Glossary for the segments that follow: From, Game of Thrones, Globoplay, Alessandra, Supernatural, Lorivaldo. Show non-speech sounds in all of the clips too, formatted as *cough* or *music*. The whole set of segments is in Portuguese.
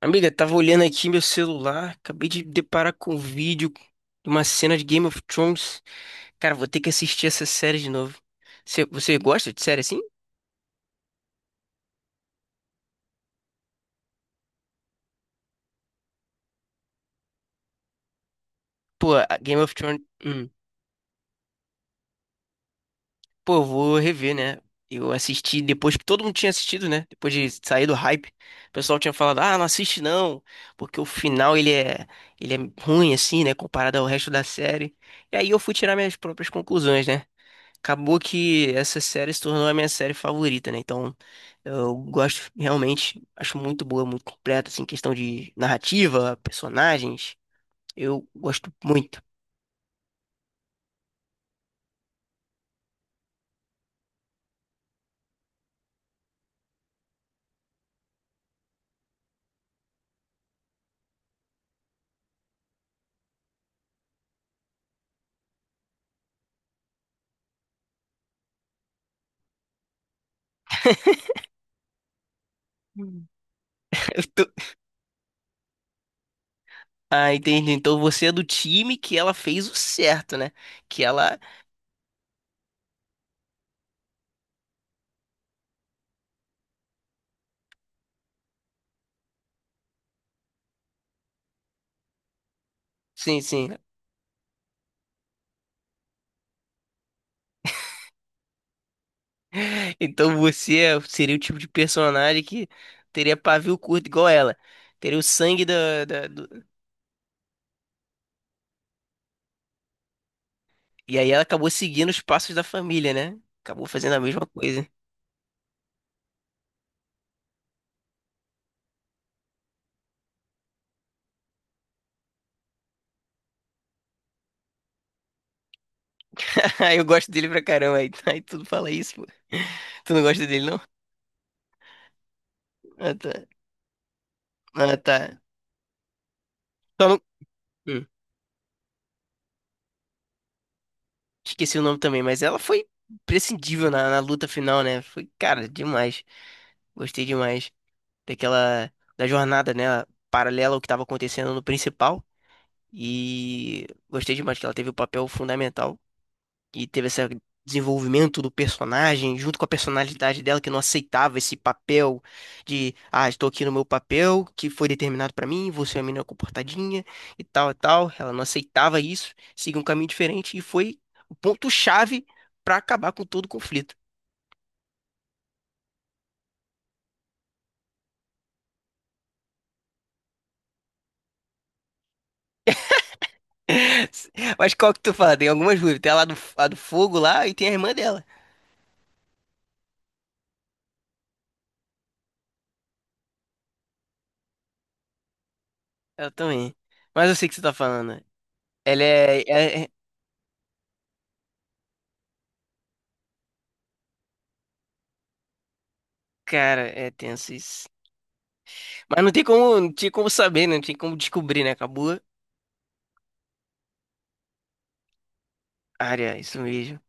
Amiga, tava olhando aqui meu celular, acabei de deparar com um vídeo de uma cena de Game of Thrones. Cara, vou ter que assistir essa série de novo. Você gosta de série assim? Pô, a Game of Thrones. Pô, eu vou rever, né? Eu assisti depois que todo mundo tinha assistido, né? Depois de sair do hype, o pessoal tinha falado: ah, não assiste não, porque o final ele é ruim assim, né? Comparado ao resto da série. E aí eu fui tirar minhas próprias conclusões, né? Acabou que essa série se tornou a minha série favorita, né? Então, eu gosto realmente, acho muito boa, muito completa, assim, questão de narrativa, personagens. Eu gosto muito. *laughs* Hum. Eu tô- Ah, entendi. Então você é do time que ela fez o certo, né? Que ela. Sim, sim. *laughs* Então você é- seria o tipo de personagem que teria pavio curto igual ela. Teria o sangue do... E aí ela acabou seguindo os passos da família, né? Acabou fazendo a mesma coisa. *laughs* Eu gosto dele pra caramba, aí tudo fala isso, pô. Tu não gosta dele, não? Ah, tá. Ah, tá. Só não... Hum, esqueci o nome também, mas ela foi imprescindível na luta final, né? Foi, cara, demais. Gostei demais daquela... da jornada, né? Paralela ao que tava acontecendo no principal. E gostei demais que ela teve o papel fundamental e teve esse desenvolvimento do personagem, junto com a personalidade dela, que não aceitava esse papel de, ah, estou aqui no meu papel, que foi determinado pra mim, você é uma menina comportadinha e tal e tal. Ela não aceitava isso, seguiu um caminho diferente e foi o ponto-chave pra acabar com todo o conflito. *laughs* Mas qual que tu fala? Tem algumas dúvidas. Tem a lá do, a do fogo lá e tem a irmã dela. Ela também. Mas eu sei o que você tá falando. Ela é. Cara, é tenso isso. Mas não tem como, não tinha como saber, né? Não tinha como descobrir, né? Acabou a área, isso mesmo.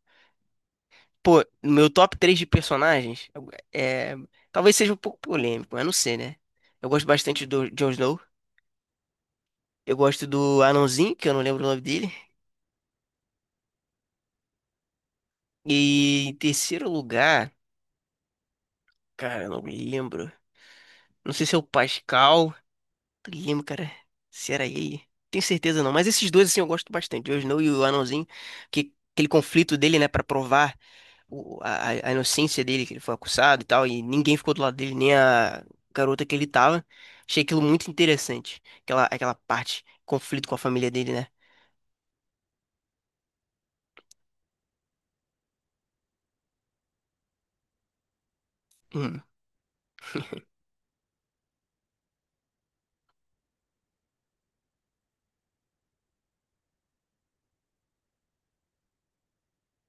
Pô, no meu top 3 de personagens, é, talvez seja um pouco polêmico, eu não sei, né? Eu gosto bastante do Jon Snow. Eu gosto do Anãozinho, que eu não lembro o nome dele. E em terceiro lugar, cara, eu não me lembro. Não sei se é o Pascal. Não lembro, cara. Se era ele. Tenho certeza não. Mas esses dois, assim, eu gosto bastante. O Jon Snow e o Anãozinho. Que, aquele conflito dele, né? Pra provar. A inocência dele, que ele foi acusado e tal, e ninguém ficou do lado dele, nem a garota que ele tava. Achei aquilo muito interessante. Aquela parte, conflito com a família dele, né? Hum,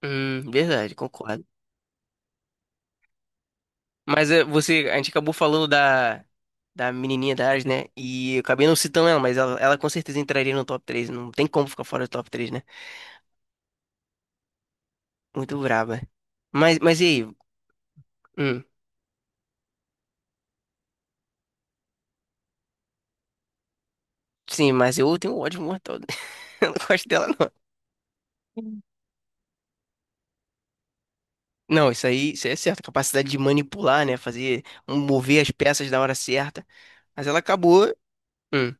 verdade, concordo. Mas é, você, a gente acabou falando da menininha da Ares, né? E eu acabei não citando ela, mas ela com certeza entraria no top três. Não tem como ficar fora do top três, né? Muito braba. Mas e aí? Hum, sim, mas eu tenho um ódio mortal. *laughs* Eu não gosto dela, não. Não, isso aí é certo. A capacidade de manipular, né? Fazer, mover as peças na hora certa. Mas ela acabou. Hum.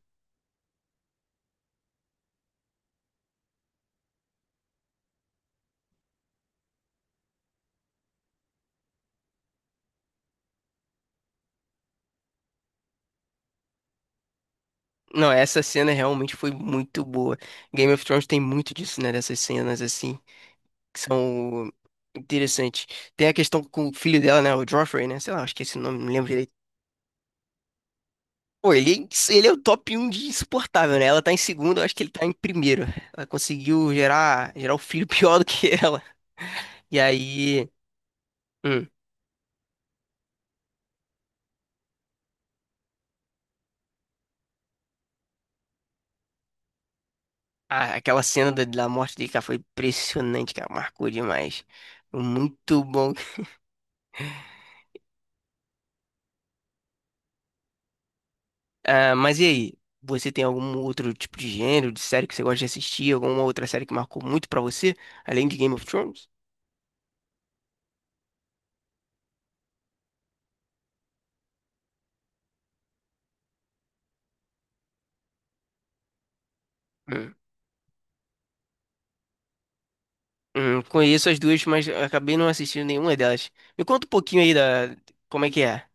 Não, essa cena realmente foi muito boa. Game of Thrones tem muito disso, né? Dessas cenas assim, que são interessantes. Tem a questão com o filho dela, né? O Joffrey, né? Sei lá, acho que esse nome, não lembro direito. Pô, ele é o top um de insuportável, né? Ela tá em segundo, eu acho que ele tá em primeiro. Ela conseguiu gerar o filho *laughs* pior do que ela. E aí. Hum. Ah, aquela cena da morte dele, cara, foi impressionante, cara. Marcou demais. Muito bom. Ah, mas e aí? Você tem algum outro tipo de gênero, de série que você gosta de assistir? Alguma outra série que marcou muito pra você, além de Game of Thrones? Hum. Conheço as duas, mas acabei não assistindo nenhuma delas. Me conta um pouquinho aí da... Como é que é?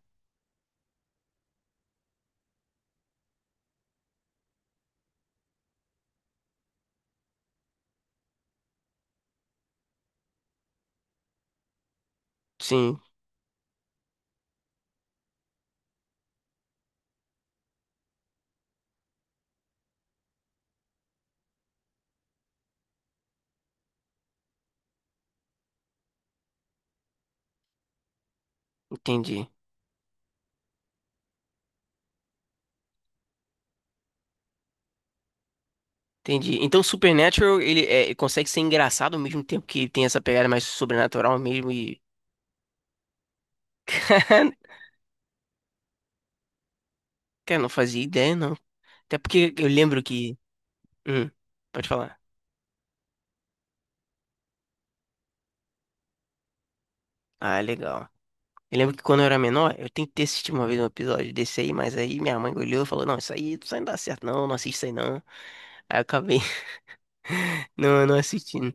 Sim, entendi. Entendi. Então, Supernatural, ele é, ele consegue ser engraçado ao mesmo tempo que tem essa pegada mais sobrenatural mesmo e... *laughs* Cara, eu não fazia ideia, não. Até porque eu lembro que... Hum, pode falar. Ah, legal. Eu lembro que quando eu era menor, eu tentei assistir uma vez um episódio desse aí, mas aí minha mãe olhou e falou, não, isso aí não dá certo não, não assiste isso aí não. Aí eu acabei *laughs* não assistindo.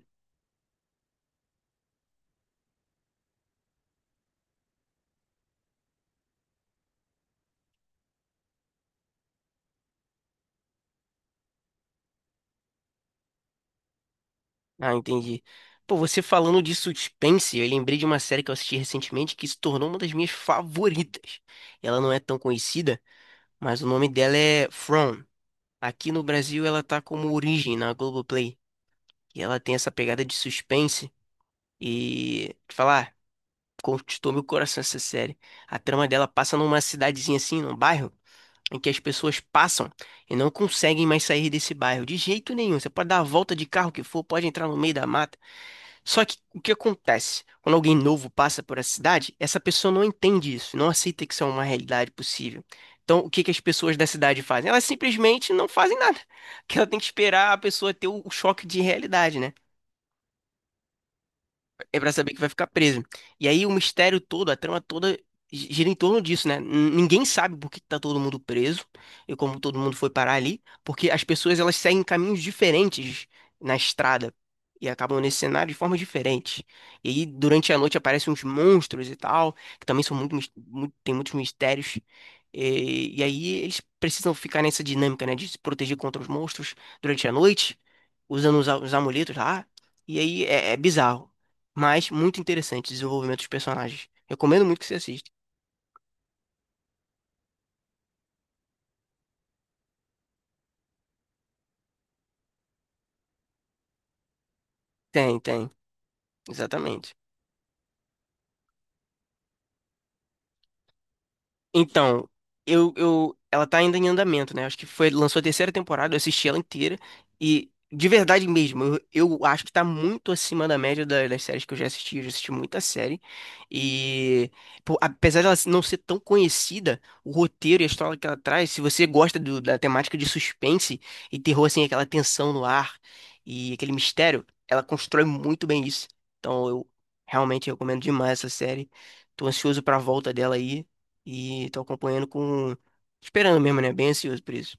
Ah, entendi. Pô, você falando de suspense, eu lembrei de uma série que eu assisti recentemente que se tornou uma das minhas favoritas. Ela não é tão conhecida, mas o nome dela é From. Aqui no Brasil ela tá como Origem na Globoplay. E ela tem essa pegada de suspense e te falar, conquistou meu coração essa série. A trama dela passa numa cidadezinha assim, num bairro, em que as pessoas passam e não conseguem mais sair desse bairro de jeito nenhum. Você pode dar a volta de carro que for, pode entrar no meio da mata. Só que o que acontece? Quando alguém novo passa por essa cidade, essa pessoa não entende isso, não aceita que isso é uma realidade possível. Então, o que que as pessoas da cidade fazem? Elas simplesmente não fazem nada, *laughs* que ela tem que esperar a pessoa ter o choque de realidade, né? É pra saber que vai ficar preso. E aí o mistério todo, a trama toda gira em torno disso, né? Ninguém sabe por que que tá todo mundo preso e como todo mundo foi parar ali, porque as pessoas elas seguem caminhos diferentes na estrada e acabam nesse cenário de formas diferentes. E aí durante a noite aparecem uns monstros e tal, que também são muito, muito tem muitos mistérios. E aí eles precisam ficar nessa dinâmica, né, de se proteger contra os monstros durante a noite, usando os amuletos lá. E aí é bizarro. Mas muito interessante o desenvolvimento dos personagens. Recomendo muito que você assista. Tem, tem. Exatamente. Então, ela tá ainda em andamento, né? Acho que foi, lançou a terceira temporada, eu assisti ela inteira e de verdade mesmo, eu acho que tá muito acima da média das séries que eu já assisti muita série e pô, apesar dela não ser tão conhecida, o roteiro e a história que ela traz, se você gosta da temática de suspense e terror assim, aquela tensão no ar e aquele mistério, ela constrói muito bem isso. Então, eu realmente recomendo demais essa série. Tô ansioso pra volta dela aí. E tô acompanhando com. Esperando mesmo, né? Bem ansioso por isso.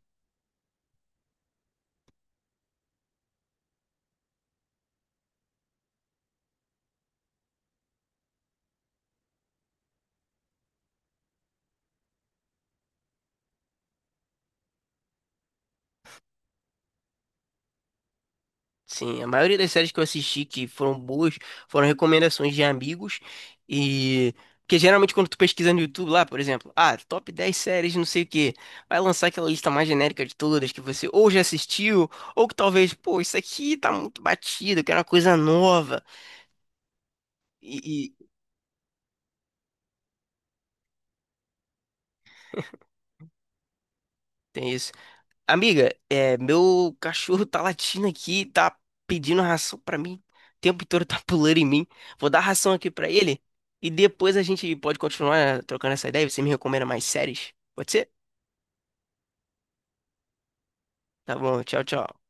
Sim, a maioria das séries que eu assisti que foram boas foram recomendações de amigos. E. Porque geralmente quando tu pesquisa no YouTube lá, por exemplo, ah, top 10 séries, não sei o quê, vai lançar aquela lista mais genérica de todas que você ou já assistiu, ou que talvez, pô, isso aqui tá muito batido, eu quero uma coisa nova. E tem isso. Amiga, é, meu cachorro tá latindo aqui, tá pedindo ração pra mim. O tempo todo tá *laughs* pulando em mim. Vou dar ração aqui pra ele e depois a gente pode continuar trocando essa ideia. Você me recomenda mais séries? Pode ser? Tá bom, tchau, tchau.